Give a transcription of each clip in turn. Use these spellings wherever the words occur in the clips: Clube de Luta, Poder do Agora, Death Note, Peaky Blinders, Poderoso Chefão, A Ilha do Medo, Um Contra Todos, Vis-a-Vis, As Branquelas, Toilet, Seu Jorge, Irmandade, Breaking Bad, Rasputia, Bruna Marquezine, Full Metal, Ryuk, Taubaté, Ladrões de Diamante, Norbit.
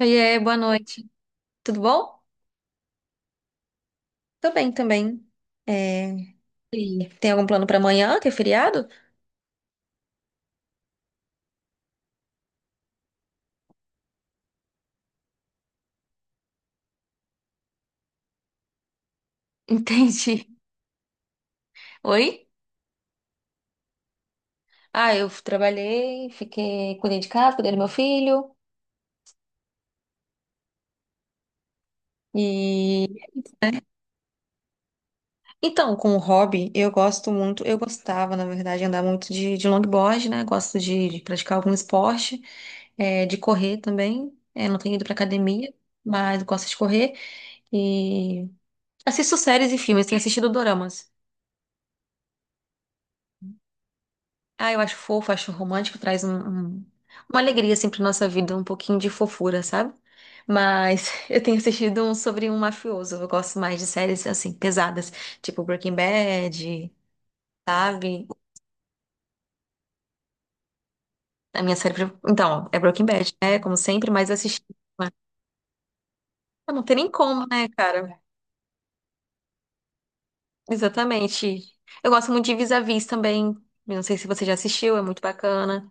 Oiê, boa noite. Tudo bom? Tô bem também. É, Sim. Tem algum plano pra amanhã, que é feriado? Entendi. Oi? Ah, eu trabalhei, fiquei, cuidei de casa, cuidei do meu filho. E Então, com o hobby, eu gosto muito, eu gostava, na verdade, andar muito de longboard, né? Gosto de praticar algum esporte, de correr também. Não tenho ido pra academia, mas gosto de correr. E assisto séries e filmes, tenho assistido doramas. Ah, eu acho fofo, acho romântico, traz uma alegria assim pra nossa vida, um pouquinho de fofura, sabe? Mas eu tenho assistido um sobre um mafioso, eu gosto mais de séries assim, pesadas, tipo Breaking Bad, sabe? A minha então é Breaking Bad, né? Como sempre, mas eu assisti. Mas não tem nem como, né, cara? Exatamente. Eu gosto muito de Vis-a-Vis também. Eu não sei se você já assistiu, é muito bacana.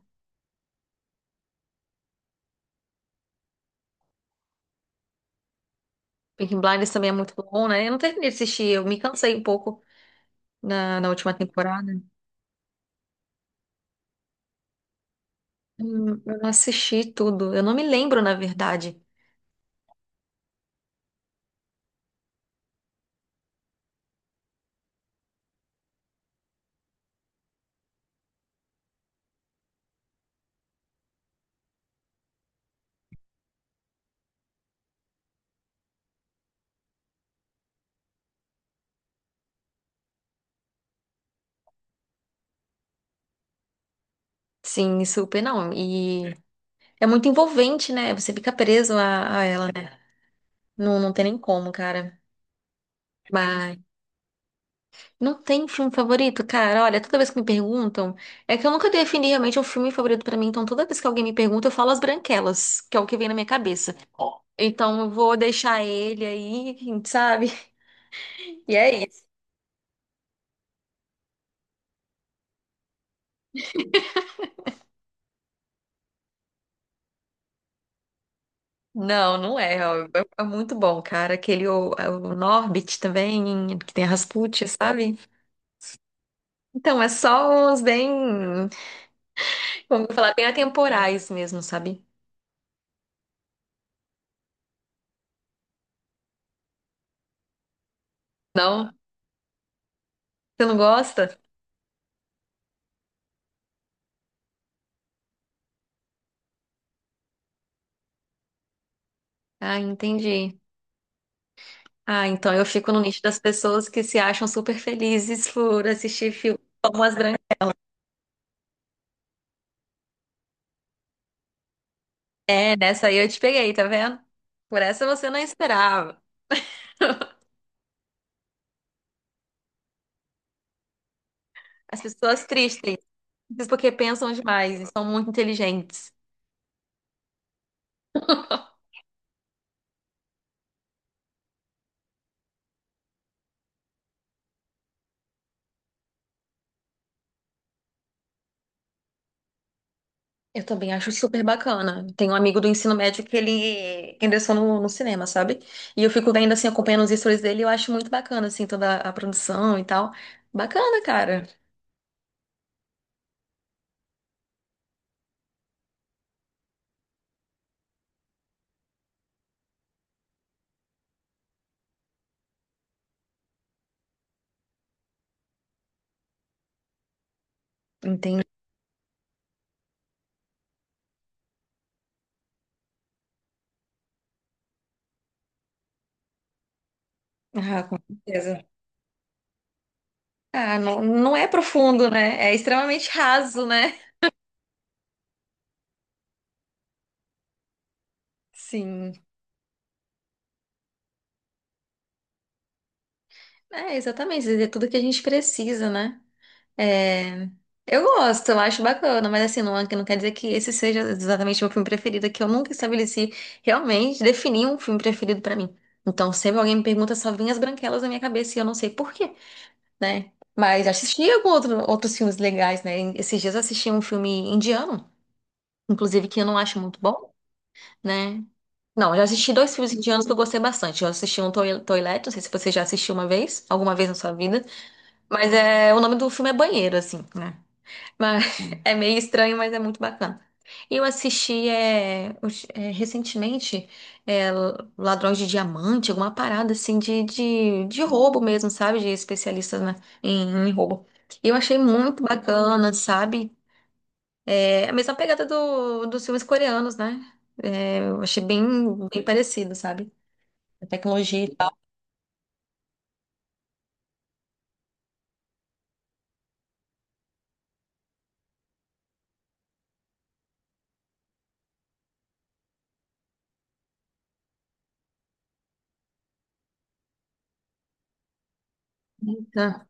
Peaky Blinders também é muito bom, né? Eu não terminei de assistir, eu me cansei um pouco na última temporada. Eu não assisti tudo. Eu não me lembro, na verdade. Sim, super não. E é muito envolvente, né? Você fica preso a ela, né? Não, não tem nem como, cara. Mas não tem filme favorito, cara. Olha, toda vez que me perguntam, é que eu nunca defini realmente um filme favorito pra mim. Então, toda vez que alguém me pergunta, eu falo As Branquelas, que é o que vem na minha cabeça. Então, eu vou deixar ele aí, sabe? E é isso. Não, não é. Ó, é é muito bom, cara. É o Norbit também, que tem a Rasputia, sabe? Então, é só uns bem, como eu vou falar, bem atemporais mesmo, sabe? Não? Você não gosta? Ah, entendi. Ah, então eu fico no nicho das pessoas que se acham super felizes por assistir filmes como as grandes. É, nessa aí eu te peguei, tá vendo? Por essa você não esperava. As pessoas tristes, porque pensam demais e são muito inteligentes. Eu também acho super bacana. Tem um amigo do ensino médio que ele ingressou no cinema, sabe? E eu fico vendo, assim, acompanhando os stories dele, eu acho muito bacana, assim, toda a produção e tal. Bacana, cara. Entendi. Ah, com certeza. Ah, não, não é profundo, né? É extremamente raso, né? Sim. É, exatamente. É tudo que a gente precisa, né? É, eu gosto, eu acho bacana, mas assim, não, não quer dizer que esse seja exatamente o meu filme preferido, é que eu nunca estabeleci realmente, defini um filme preferido pra mim. Então, sempre alguém me pergunta, só vem As Branquelas na minha cabeça e eu não sei por quê, né? Mas assisti algum outros filmes legais, né? Esses dias eu assisti um filme indiano, inclusive que eu não acho muito bom, né? Não, eu já assisti dois filmes indianos que eu gostei bastante. Eu assisti um Toilet, não sei se você já assistiu uma vez, alguma vez na sua vida, mas é, o nome do filme é Banheiro, assim, né? Mas é meio estranho, mas é muito bacana. Eu assisti recentemente é, Ladrões de Diamante, alguma parada assim de roubo mesmo, sabe? De especialistas né, em roubo. E eu achei muito bacana, sabe? É a mesma pegada do, dos filmes coreanos, né? É, eu achei bem parecido, sabe? A tecnologia e tal. Ah.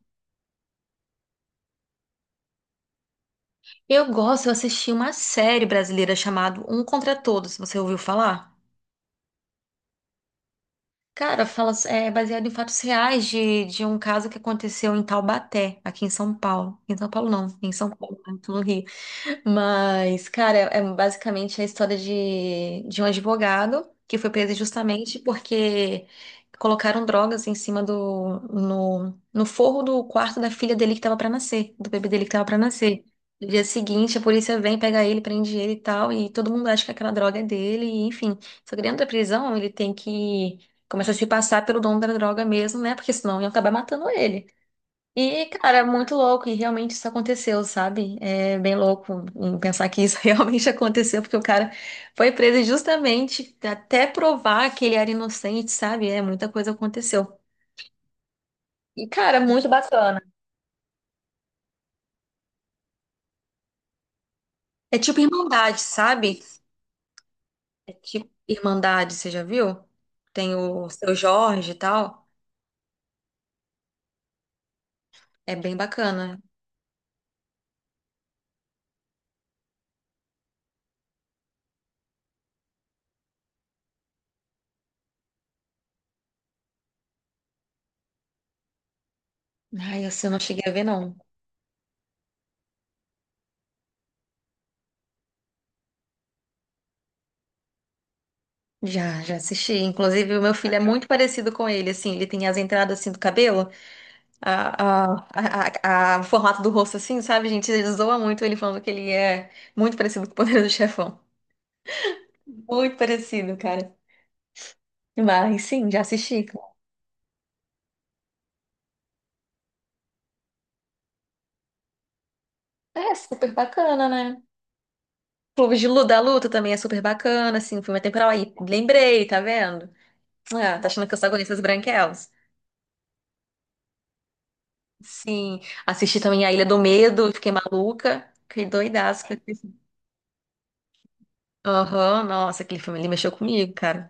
Eu gosto, eu assisti uma série brasileira chamada Um Contra Todos, você ouviu falar? Cara, fala, é baseado em fatos reais de um caso que aconteceu em Taubaté, aqui em São Paulo. Em São Paulo não, em São Paulo, né, tô no Rio. Mas, cara, é é basicamente a história de um advogado que foi preso justamente porque colocaram drogas em cima do, no, no forro do quarto da filha dele que estava para nascer, do bebê dele que estava para nascer. No dia seguinte, a polícia vem, pega ele, prende ele e tal, e todo mundo acha que aquela droga é dele, e, enfim. Só que dentro da prisão, ele tem que começar a se passar pelo dono da droga mesmo, né? Porque senão iam acabar matando ele. E, cara, é muito louco, e realmente isso aconteceu, sabe? É bem louco em pensar que isso realmente aconteceu, porque o cara foi preso justamente até provar que ele era inocente, sabe? É, muita coisa aconteceu. E, cara, muito bacana. É tipo Irmandade, sabe? É tipo Irmandade, você já viu? Tem o Seu Jorge e tal. É bem bacana. Ai, esse eu não cheguei a ver, não. Já, já assisti. Inclusive, o meu filho é muito parecido com ele, assim. Ele tem as entradas assim do cabelo. a, o formato do rosto assim, sabe, gente? Ele zoa muito ele falando que ele é muito parecido com o Poderoso Chefão. Muito parecido, cara. Mas sim, já assisti. É super bacana, né? Clube da Luta também é super bacana, assim, filme temporal aí. Lembrei, tá vendo? Ah, tá achando que eu só conheço as branquelas? Sim. Assisti também A Ilha do Medo, fiquei maluca. Fiquei doidaço com aquele filme. Aham, nossa, aquele filme ali mexeu comigo, cara.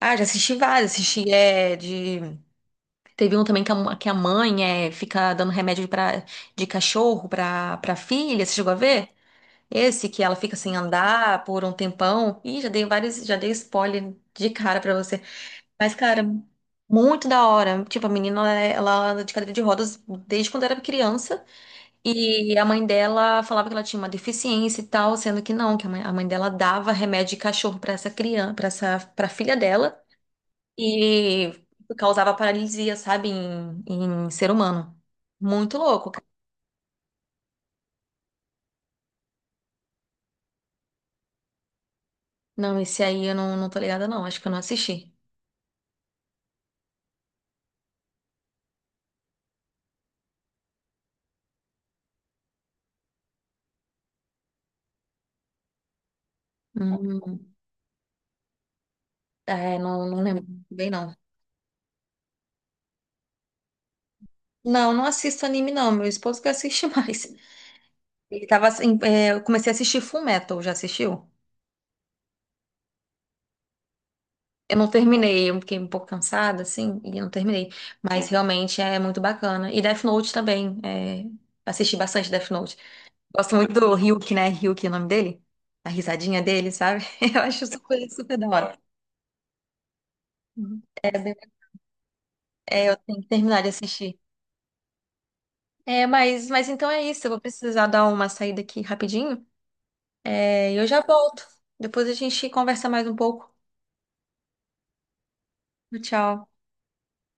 Ah, já assisti vários, assisti é, de teve um também que a mãe é, fica dando remédio de cachorro pra filha, você chegou a ver? Esse que ela fica sem andar por um tempão. Ih, já dei vários, já dei spoiler de cara pra você. Mas, cara, muito da hora. Tipo, a menina, ela anda de cadeira de rodas desde quando era criança. E a mãe dela falava que ela tinha uma deficiência e tal, sendo que não, que a mãe dela dava remédio de cachorro pra essa criança, para essa, para filha dela. E causava paralisia, sabe, em ser humano. Muito louco, cara. Não, esse aí eu não, não tô ligada, não. Acho que eu não assisti. Hum, não, não lembro bem, não. Não, não assisto anime, não. Meu esposo que assiste mais. Ele tava assim, é, eu comecei a assistir Full Metal, já assistiu? Eu não terminei, eu fiquei um pouco cansada, assim, e não terminei. Mas realmente é muito bacana. E Death Note também. Assisti bastante Death Note. Gosto muito do Ryuk, né? Ryuk é o nome dele. A risadinha dele, sabe? Eu acho super, super da hora. Uhum. Eu tenho que terminar de assistir. É, mas então é isso. Eu vou precisar dar uma saída aqui rapidinho. É, e eu já volto. Depois a gente conversa mais um pouco. Tchau.